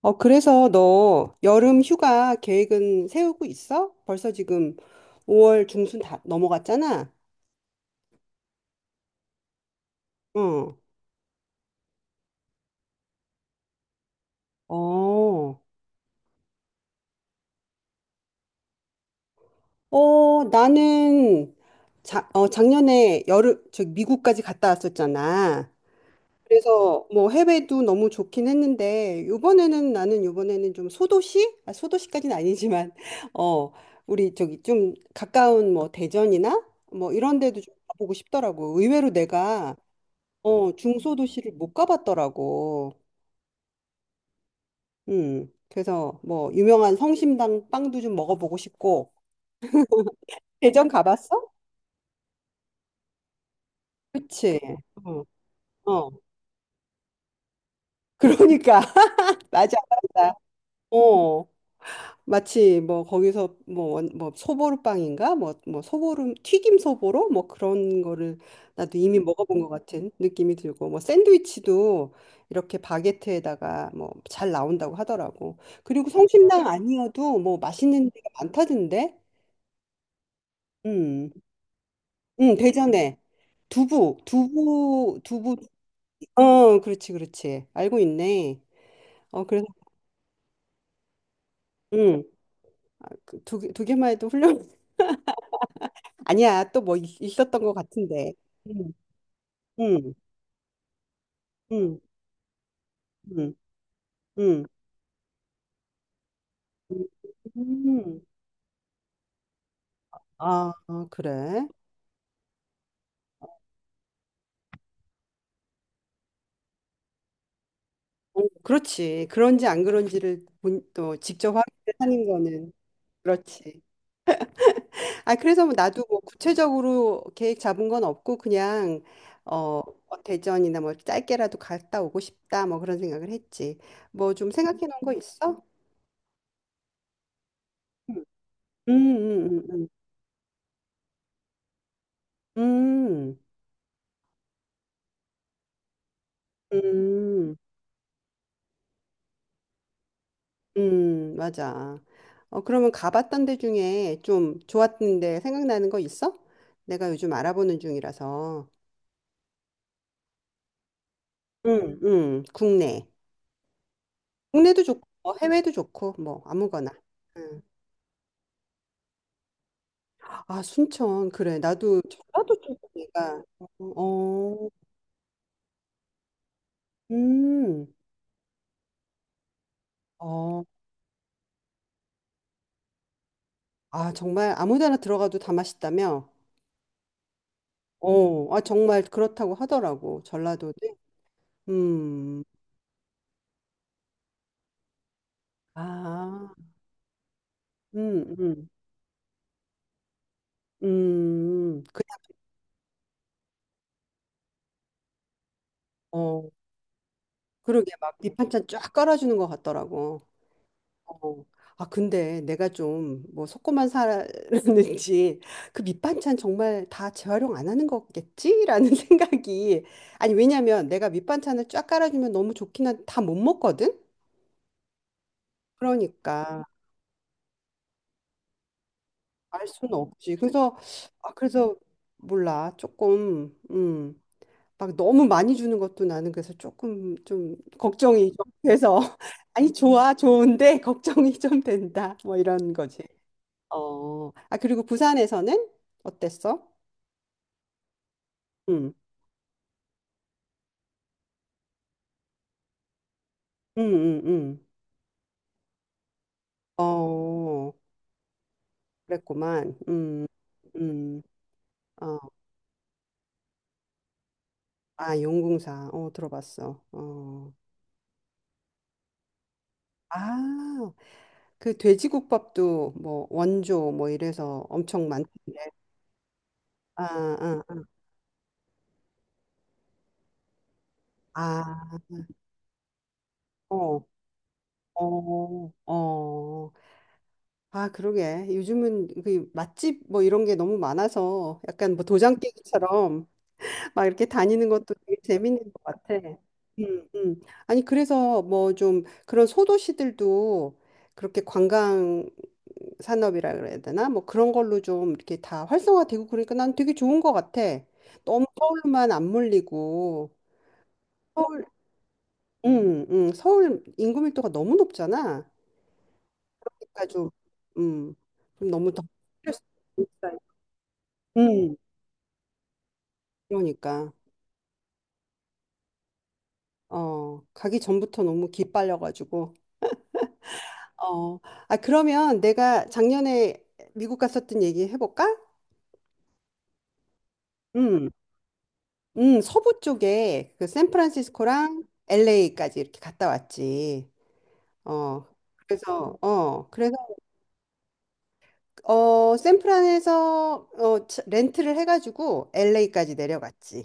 그래서 너 여름 휴가 계획은 세우고 있어? 벌써 지금 5월 중순 다 넘어갔잖아? 응. 어, 나는 작년에 여름, 저 미국까지 갔다 왔었잖아. 그래서 뭐 해외도 너무 좋긴 했는데, 요번에는 나는 요번에는 좀 소도시? 아, 소도시까지는 아니지만, 어, 우리 저기 좀 가까운 뭐 대전이나 뭐 이런 데도 좀 가보고 싶더라고. 의외로 내가 중소도시를 못 가봤더라고. 그래서 뭐 유명한 성심당 빵도 좀 먹어보고 싶고. 대전 가봤어? 그치. 어, 어. 그러니까 맞아, 맞아. 어, 마치 뭐 거기서 뭐, 뭐 소보루빵인가? 뭐 소보루 튀김 소보로 뭐 그런 거를 나도 이미 먹어본 것 같은 느낌이 들고 뭐 샌드위치도 이렇게 바게트에다가 뭐 잘 나온다고 하더라고. 그리고 성심당 아니어도 뭐 맛있는 데가 많다던데? 음, 대전에 두부, 두부, 두부, 어, 그렇지, 그렇지. 알고 있네. 어, 그래서, 음, 아, 그 두 개만 해도 훌륭, 아니야, 또 뭐 있었던 것 같은데. 음, 음, 음, 음, 음. 음. 아, 아, 그래. 어, 그렇지. 그런지 안 그런지를 또 직접 확인하는 거는, 그렇지. 아, 그래서 뭐 나도 뭐 구체적으로 계획 잡은 건 없고 그냥 어, 뭐 대전이나 뭐 짧게라도 갔다 오고 싶다 뭐 그런 생각을 했지. 뭐 좀 생각해 놓은 거 있어? 음, 음, 음, 음, 음, 음, 맞아. 어, 그러면 가봤던 데 중에 좀 좋았던 데 생각나는 거 있어? 내가 요즘 알아보는 중이라서. 응, 응, 국내. 국내도 좋고, 뭐 해외도 좋고, 뭐 아무거나. 음. 아, 순천. 그래. 나도 전라도 출신이니까. 어, 어, 음. 어, 아, 정말 아무 데나 들어가도 다 맛있다며? 어, 아, 정말 그렇다고 하더라고. 전라도는. 음. 아, 음, 음, 그냥, 어, 그러게. 막 밑반찬 쫙 깔아주는 것 같더라고. 어. 아, 근데 내가 좀 뭐 속고만 살았는지 그 밑반찬 정말 다 재활용 안 하는 거겠지라는 생각이 아니 왜냐면 내가 밑반찬을 쫙 깔아주면 너무 좋긴 한데 다 못 먹거든? 그러니까 알 수는 없지. 그래서 아 그래서 몰라 조금 막 너무 많이 주는 것도 나는 그래서 조금 좀 걱정이 좀 돼서 아니 좋아 좋은데 걱정이 좀 된다 뭐 이런 거지. 어, 아, 그리고 부산에서는 어땠어? 음, 음, 음, 음. 어, 그랬구만. 음. 어, 아, 용궁사. 어, 들어봤어. 어. 아, 그 돼지국밥도 뭐 원조 뭐 이래서 엄청 많던데. 아, 아, 아, 아, 어, 어, 어. 아, 그러게. 요즘은 그 맛집 뭐 이런 게 너무 많아서 약간 뭐 도장 깨기처럼 막 이렇게 다니는 것도 되게 재밌는 것 같아. 음, 음. 아니, 그래서 뭐 좀 그런 소도시들도 그렇게 관광 산업이라 그래야 되나? 뭐 그런 걸로 좀 이렇게 다 활성화되고 그러니까 난 되게 좋은 것 같아. 너무 서울만 안 몰리고 서울, 서울 인구 밀도가 너무 높잖아. 그러니까 좀, 음, 좀 너무 더 스트레스 받고 있어요. 음, 그러니까 어 가기 전부터 너무 기빨려가지고. 어, 아, 그러면 내가 작년에 미국 갔었던 얘기 해볼까? 음, 서부 쪽에 그 샌프란시스코랑 LA까지 이렇게 갔다 왔지. 어, 그래서, 어, 샌프란에서 어, 렌트를 해가지고 LA까지 내려갔지.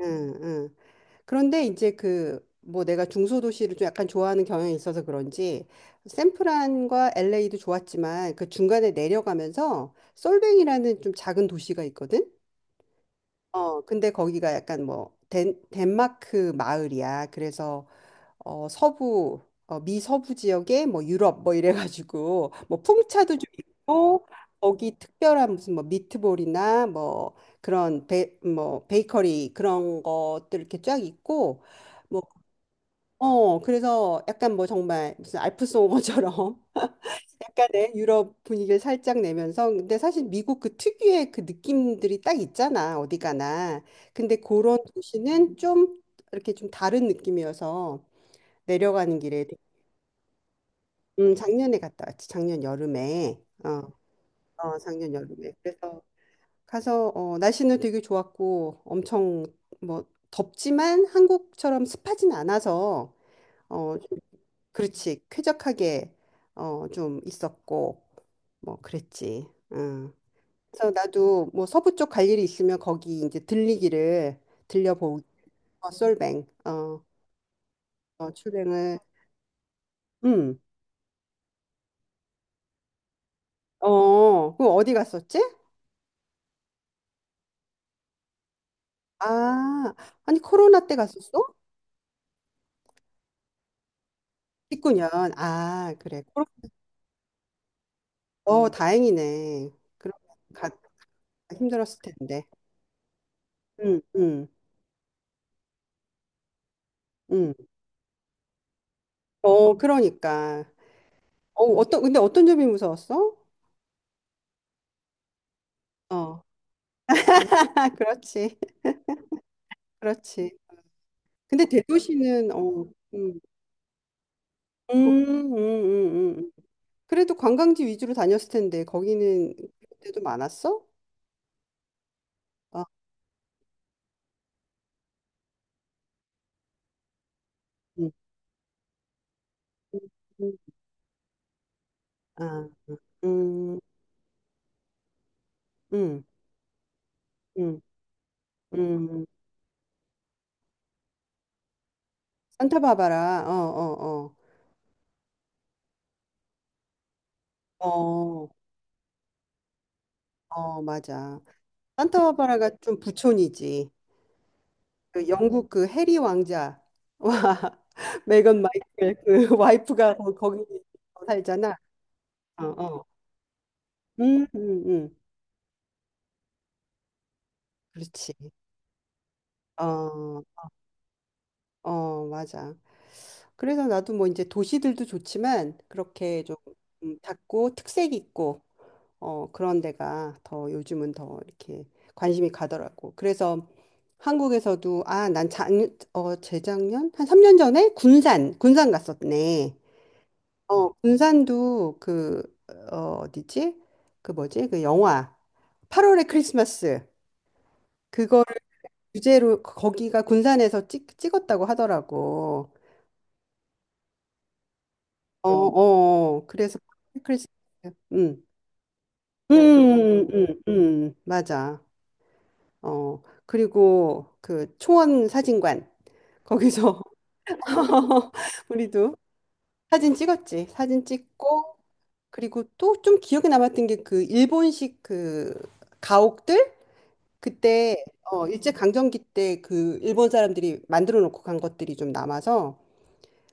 응, 응. 그런데 이제 그 뭐 내가 중소도시를 좀 약간 좋아하는 경향이 있어서 그런지 샌프란과 LA도 좋았지만 그 중간에 내려가면서 솔뱅이라는 좀 작은 도시가 있거든. 어, 근데 거기가 약간 뭐 덴마크 마을이야. 그래서 어, 서부 어, 미 서부 지역에 뭐 유럽 뭐 이래가지고 뭐 풍차도 좀 있고 거기 특별한 무슨 뭐 미트볼이나 뭐 그런 뭐 베이커리 그런 것들 이렇게 쫙 있고. 뭐 어, 그래서 약간 뭐 정말 무슨 알프오머처럼 약간의 유럽 분위기를 살짝 내면서 근데 사실 미국 그 특유의 그 느낌들이 딱 있잖아, 어디 가나. 근데 그런 도시는 좀 이렇게 좀 다른 느낌이어서 내려가는 길에 되게- 작년에 갔다 왔지. 작년 여름에. 어, 어, 작년 여름에. 그래서 가서 어, 날씨는 되게 좋았고 엄청 뭐 덥지만 한국처럼 습하진 않아서 어, 좀- 그렇지. 쾌적하게 어, 좀 있었고 뭐 그랬지. 응. 그래서 나도 뭐 서부 쪽 갈 일이 있으면 거기 이제 들리기를 들려보고 어, 솔뱅 어, 어 출뱅을 음. 어, 그럼 어디 갔었지? 아, 아니 코로나 때 갔었어? 19년. 아, 그래. 코로- 어, 다행이네. 그럼 가 힘들었을 텐데. 음, 음, 음. 어, 그러니까. 어, 어떤 근데 어떤 점이 무서웠어? 어. 그렇지. 그렇지. 근데 대도시는 어. 음. 음, 음, 음, 음. 그래도 관광지 위주로 다녔을 텐데 거기는 그때도 많았어? 아, 음. 음, 음. 아. 음. 음. 음. 음. 산타바바라. 어, 어, 어. 어. 어, 맞아. 산타바바라가 좀 부촌이지. 그 영국 그 해리 왕자. 와. 메건 마이클 그 와이프가 거기 살잖아. 어, 어. 음, 음, 음. 그렇지. 어, 어, 맞아. 그래서 나도 뭐 이제 도시들도 좋지만 그렇게 좀 작고 특색 있고 어, 그런 데가 더 요즘은 더 이렇게 관심이 가더라고. 그래서 한국에서도 아, 어, 재작년 한 3년 전에 군산 갔었네. 어, 군산도 그 어, 어디지? 그 뭐지? 그 영화 8월의 크리스마스 주제로 기가 군산에서 찍었다고 하더라고. 어, 어. 어. 그래서 클래식 음. 응 맞아. 어. 그리고 그 초원 사진관 거기서 우리도 사진 찍었지. 사진 찍고 그리고 또 좀 기억에 남았던 게 그 일본식 그 가옥들 그때 어 일제 강점기 때 그 일본 사람들이 만들어 놓고 간 것들이 좀 남아서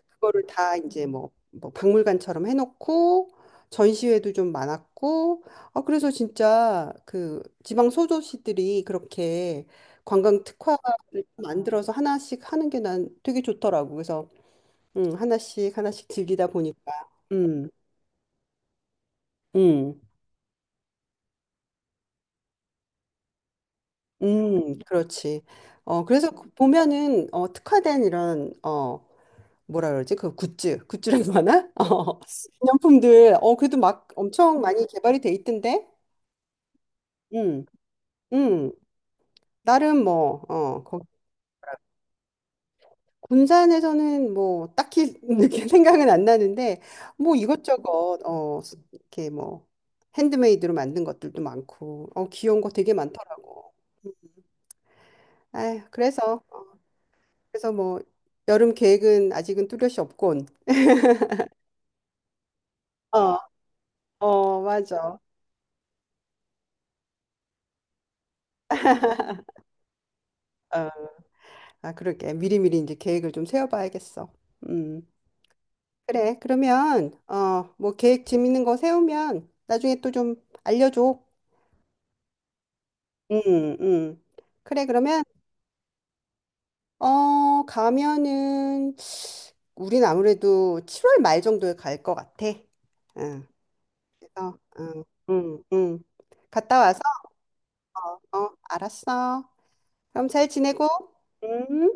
그거를 다 이제 뭐 박물관처럼 해놓고 전시회도 좀 많았고 아 그래서 진짜 그 지방 소도시들이 그렇게 관광 특화를 좀 만들어서 하나씩 하는 게 난 되게 좋더라고 그래서 하나씩 하나씩 즐기다 보니까 음 음, 그렇지. 어, 그래서 그 보면은, 어, 특화된 이런, 어, 뭐라 그러지? 그 굿즈, 굿즈라고 하나? 어, 기념품들, 어, 그래도 막 엄청 많이 개발이 돼 있던데? 음. 음, 나름 뭐, 어, 거- 군산에서는 뭐, 딱히 이렇게 생각은 안 나는데, 뭐 이것저것, 어, 이렇게 뭐, 핸드메이드로 만든 것들도 많고, 어, 귀여운 거 되게 많더라고. 아휴, 그래서, 어, 그래서 뭐, 여름 계획은 아직은 뚜렷이 없군. 어, 어, 맞아. 어. 아, 그러게. 미리미리 이제 계획을 좀 세워봐야겠어. 음, 그래. 그러면, 어, 뭐, 계획 재밌는 거 세우면 나중에 또 좀 알려줘. 응 응 그래, 그러면, 어, 가면은, 우린 아무래도 7월 말 정도에 갈 것 같아. 응, 그래서, 응, 응, 응. 갔다 와서, 어, 알았어. 그럼 잘 지내고, 음.